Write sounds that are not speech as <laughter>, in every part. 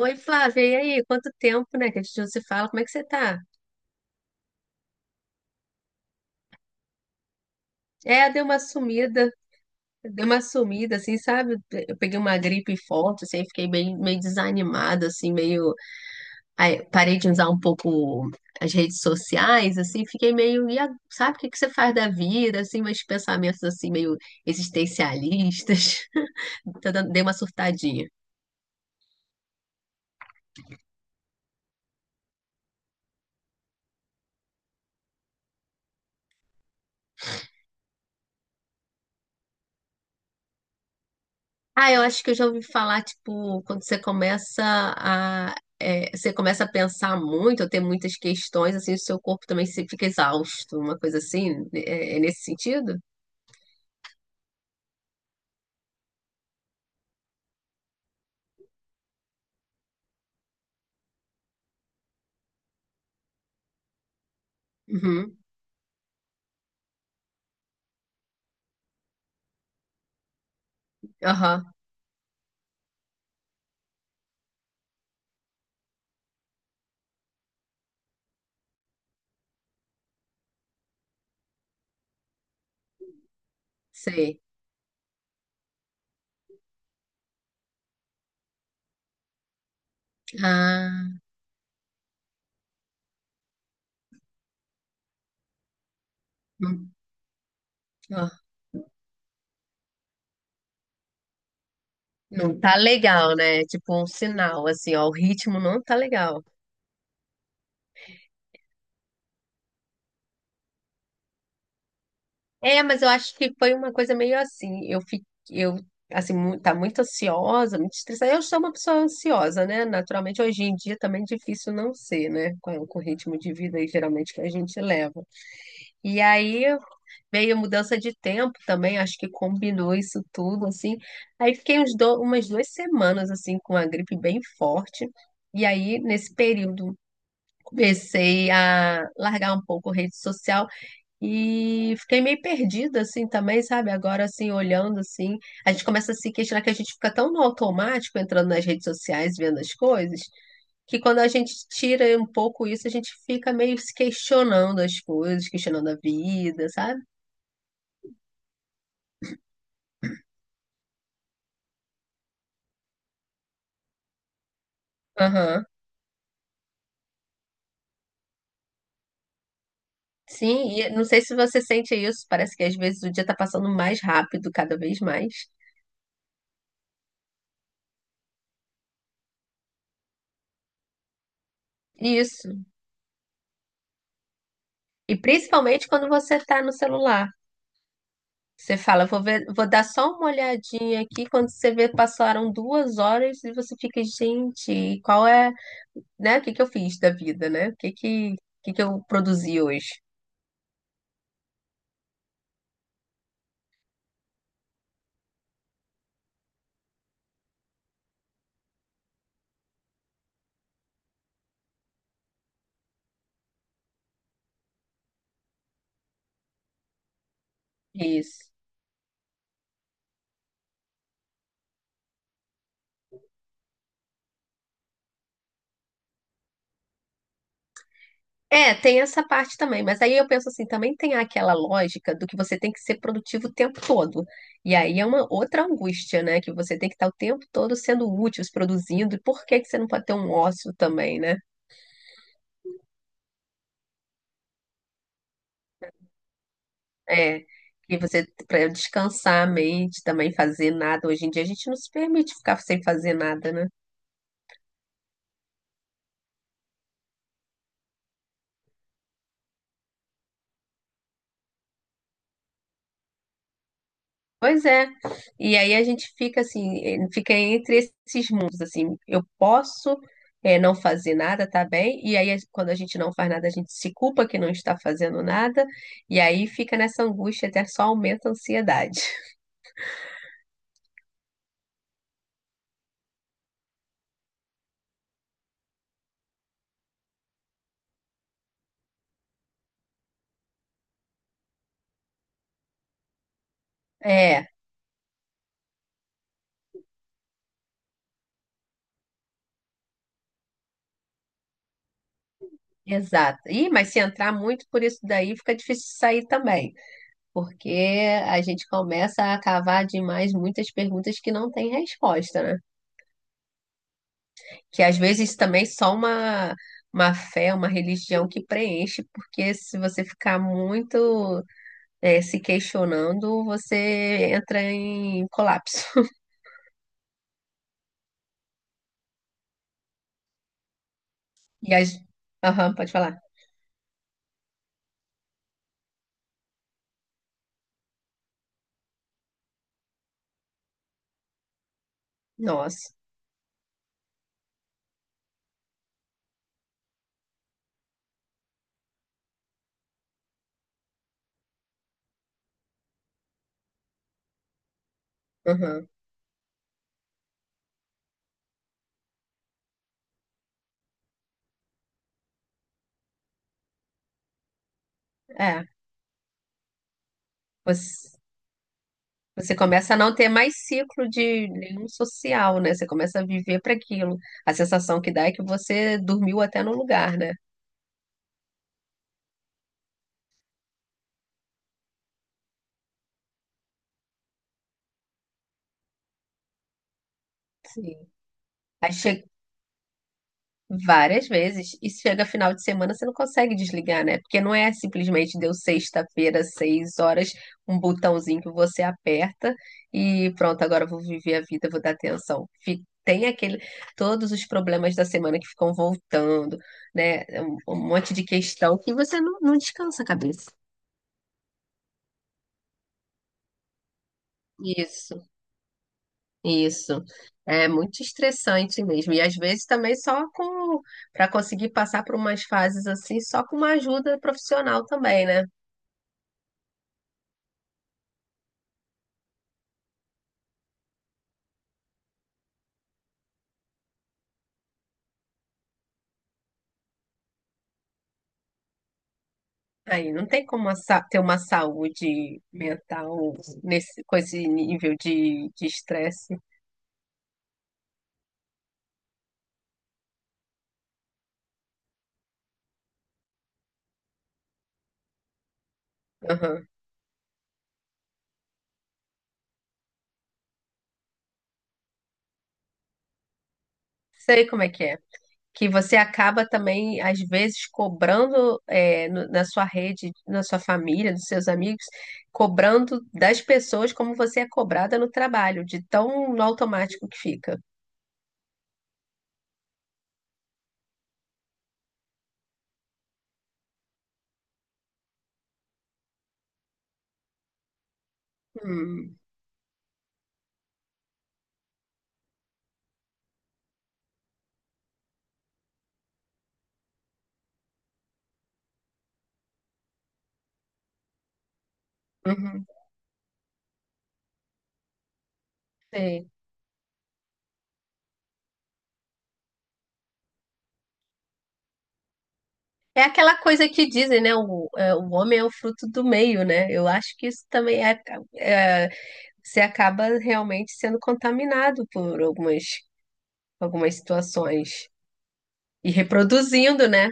Oi, Flávia, e aí? Quanto tempo, né, que a gente não se fala? Como é que você tá? É, deu uma sumida, assim, sabe? Eu peguei uma gripe forte, assim, fiquei bem, meio desanimada, assim, meio... Aí, parei de usar um pouco as redes sociais, assim, fiquei meio... Sabe, o que que você faz da vida, assim, meus pensamentos, assim, meio existencialistas. <laughs> Dei uma surtadinha. Ah, eu acho que eu já ouvi falar, tipo, quando você começa a você começa a pensar muito, a ter muitas questões, assim, o seu corpo também fica exausto, uma coisa assim, né, é nesse sentido? Uhum, aham, sei. Ah, hum, ó, não tá legal, né? Tipo, um sinal, assim, ó, o ritmo não tá legal. É, mas eu acho que foi uma coisa meio assim. Eu fico, eu assim, tá muito ansiosa, muito estressada. Eu sou uma pessoa ansiosa, né? Naturalmente, hoje em dia também é difícil não ser, né? Com o ritmo de vida aí, geralmente que a gente leva. E aí veio a mudança de tempo também, acho que combinou isso tudo, assim. Aí fiquei umas 2 semanas assim com a gripe bem forte. E aí, nesse período, comecei a largar um pouco a rede social. E fiquei meio perdida, assim, também, sabe? Agora, assim, olhando, assim, a gente começa a se questionar que a gente fica tão no automático entrando nas redes sociais, vendo as coisas, que quando a gente tira um pouco isso, a gente fica meio se questionando as coisas, questionando a vida, sabe? Aham. Sim, e não sei se você sente isso, parece que às vezes o dia tá passando mais rápido, cada vez mais. Isso. E principalmente quando você tá no celular. Você fala, vou ver, vou dar só uma olhadinha aqui. Quando você vê, passaram 2 horas e você fica, gente, qual é, né? O que que eu fiz da vida, né? O que que eu produzi hoje? Isso. É, tem essa parte também, mas aí eu penso assim, também tem aquela lógica do que você tem que ser produtivo o tempo todo. E aí é uma outra angústia, né? Que você tem que estar o tempo todo sendo útil, se produzindo. E por que que você não pode ter um ócio também, né? É, que você para descansar a mente, também fazer nada. Hoje em dia a gente não se permite ficar sem fazer nada, né? Pois é. E aí a gente fica assim, fica entre esses mundos, assim, eu posso não fazer nada, tá bem? E aí quando a gente não faz nada, a gente se culpa que não está fazendo nada, e aí fica nessa angústia, até só aumenta a ansiedade. <laughs> É, exato. Ih, mas se entrar muito por isso daí, fica difícil sair também, porque a gente começa a cavar demais muitas perguntas que não têm resposta, né? Que às vezes também só uma fé, uma religião que preenche, porque se você ficar muito se questionando, você entra em colapso. <laughs> E as... Aham, pode falar. Nossa. Aham. É. Você, você começa a não ter mais ciclo de nenhum social, né? Você começa a viver para aquilo. A sensação que dá é que você dormiu até no lugar, né? Sim. Aí chega várias vezes e chega final de semana você não consegue desligar, né? Porque não é simplesmente deu sexta-feira, 6 horas, um botãozinho que você aperta e pronto, agora eu vou viver a vida, vou dar atenção. Todos os problemas da semana que ficam voltando, né? Um monte de questão que você não descansa a cabeça. Isso. Isso. É muito estressante mesmo. E às vezes também só com para conseguir passar por umas fases assim, só com uma ajuda profissional também, né? Aí não tem como ter uma saúde mental nesse, com esse nível de estresse. Aham. Sei como é. Que você acaba também, às vezes, cobrando na sua rede, na sua família, dos seus amigos, cobrando das pessoas como você é cobrada no trabalho, de tão automático que fica. Hum, uhum, sei. É aquela coisa que dizem, né? O homem é o fruto do meio, né? Eu acho que isso também é, é, você acaba realmente sendo contaminado por algumas situações e reproduzindo, né?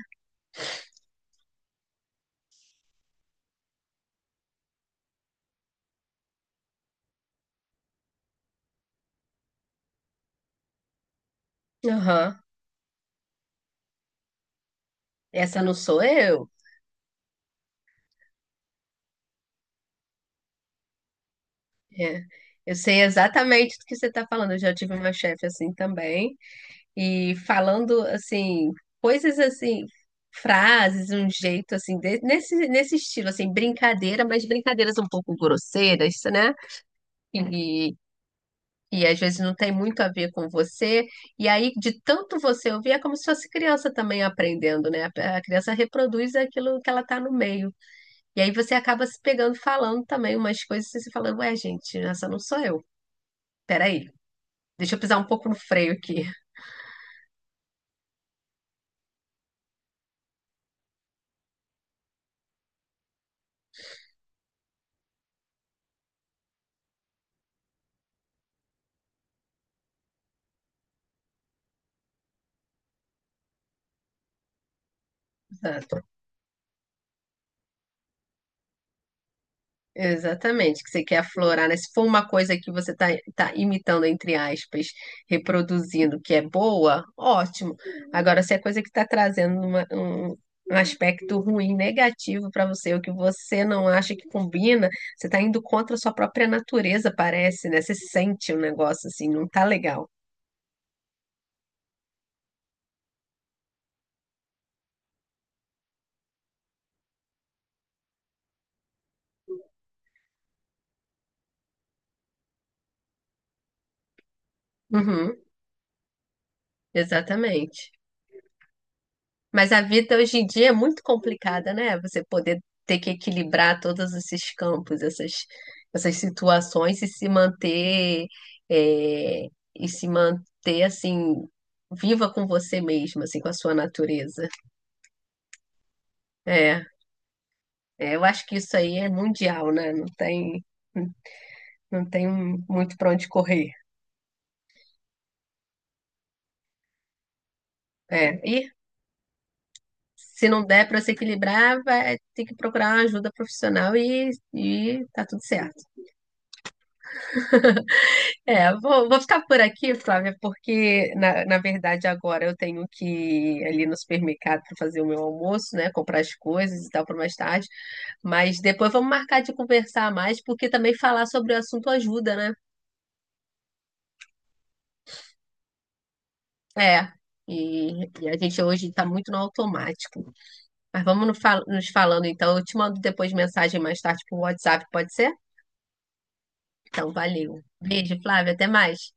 Aham. Essa não sou eu. É. Eu sei exatamente do que você está falando. Eu já tive uma chefe assim também, e falando assim, coisas assim, frases, um jeito assim, de- nesse estilo, assim, brincadeira, mas brincadeiras um pouco grosseiras, né? E, e às vezes não tem muito a ver com você. E aí, de tanto você ouvir, é como se fosse criança também aprendendo, né? A criança reproduz aquilo que ela tá no meio. E aí você acaba se pegando falando também umas coisas e você fala, ué, gente, essa não sou eu. Peraí, deixa eu pisar um pouco no freio aqui. <laughs> Exatamente, que você quer aflorar, né? Se for uma coisa que você tá, tá imitando, entre aspas, reproduzindo, que é boa, ótimo. Agora, se é coisa que está trazendo um aspecto ruim, negativo para você, o que você não acha que combina, você está indo contra a sua própria natureza, parece, né? Você sente o negócio assim, não tá legal. Uhum, exatamente. Mas a vida hoje em dia é muito complicada, né? Você poder ter que equilibrar todos esses campos, essas situações e se manter, é, e se manter assim, viva com você mesma, assim, com a sua natureza. É, é, eu acho que isso aí é mundial, né? Não tem, não tem muito para onde correr. É, e se não der para se equilibrar, vai ter que procurar uma ajuda profissional e tá tudo certo. É, vou, vou ficar por aqui, Flávia, porque na verdade agora eu tenho que ir ali no supermercado para fazer o meu almoço, né? Comprar as coisas e tal para mais tarde. Mas depois vamos marcar de conversar mais, porque também falar sobre o assunto ajuda, né? É. E, e a gente hoje está muito no automático. Mas vamos no fal- nos falando então. Eu te mando depois mensagem mais tarde por WhatsApp, pode ser? Então, valeu. Beijo, Flávia, até mais.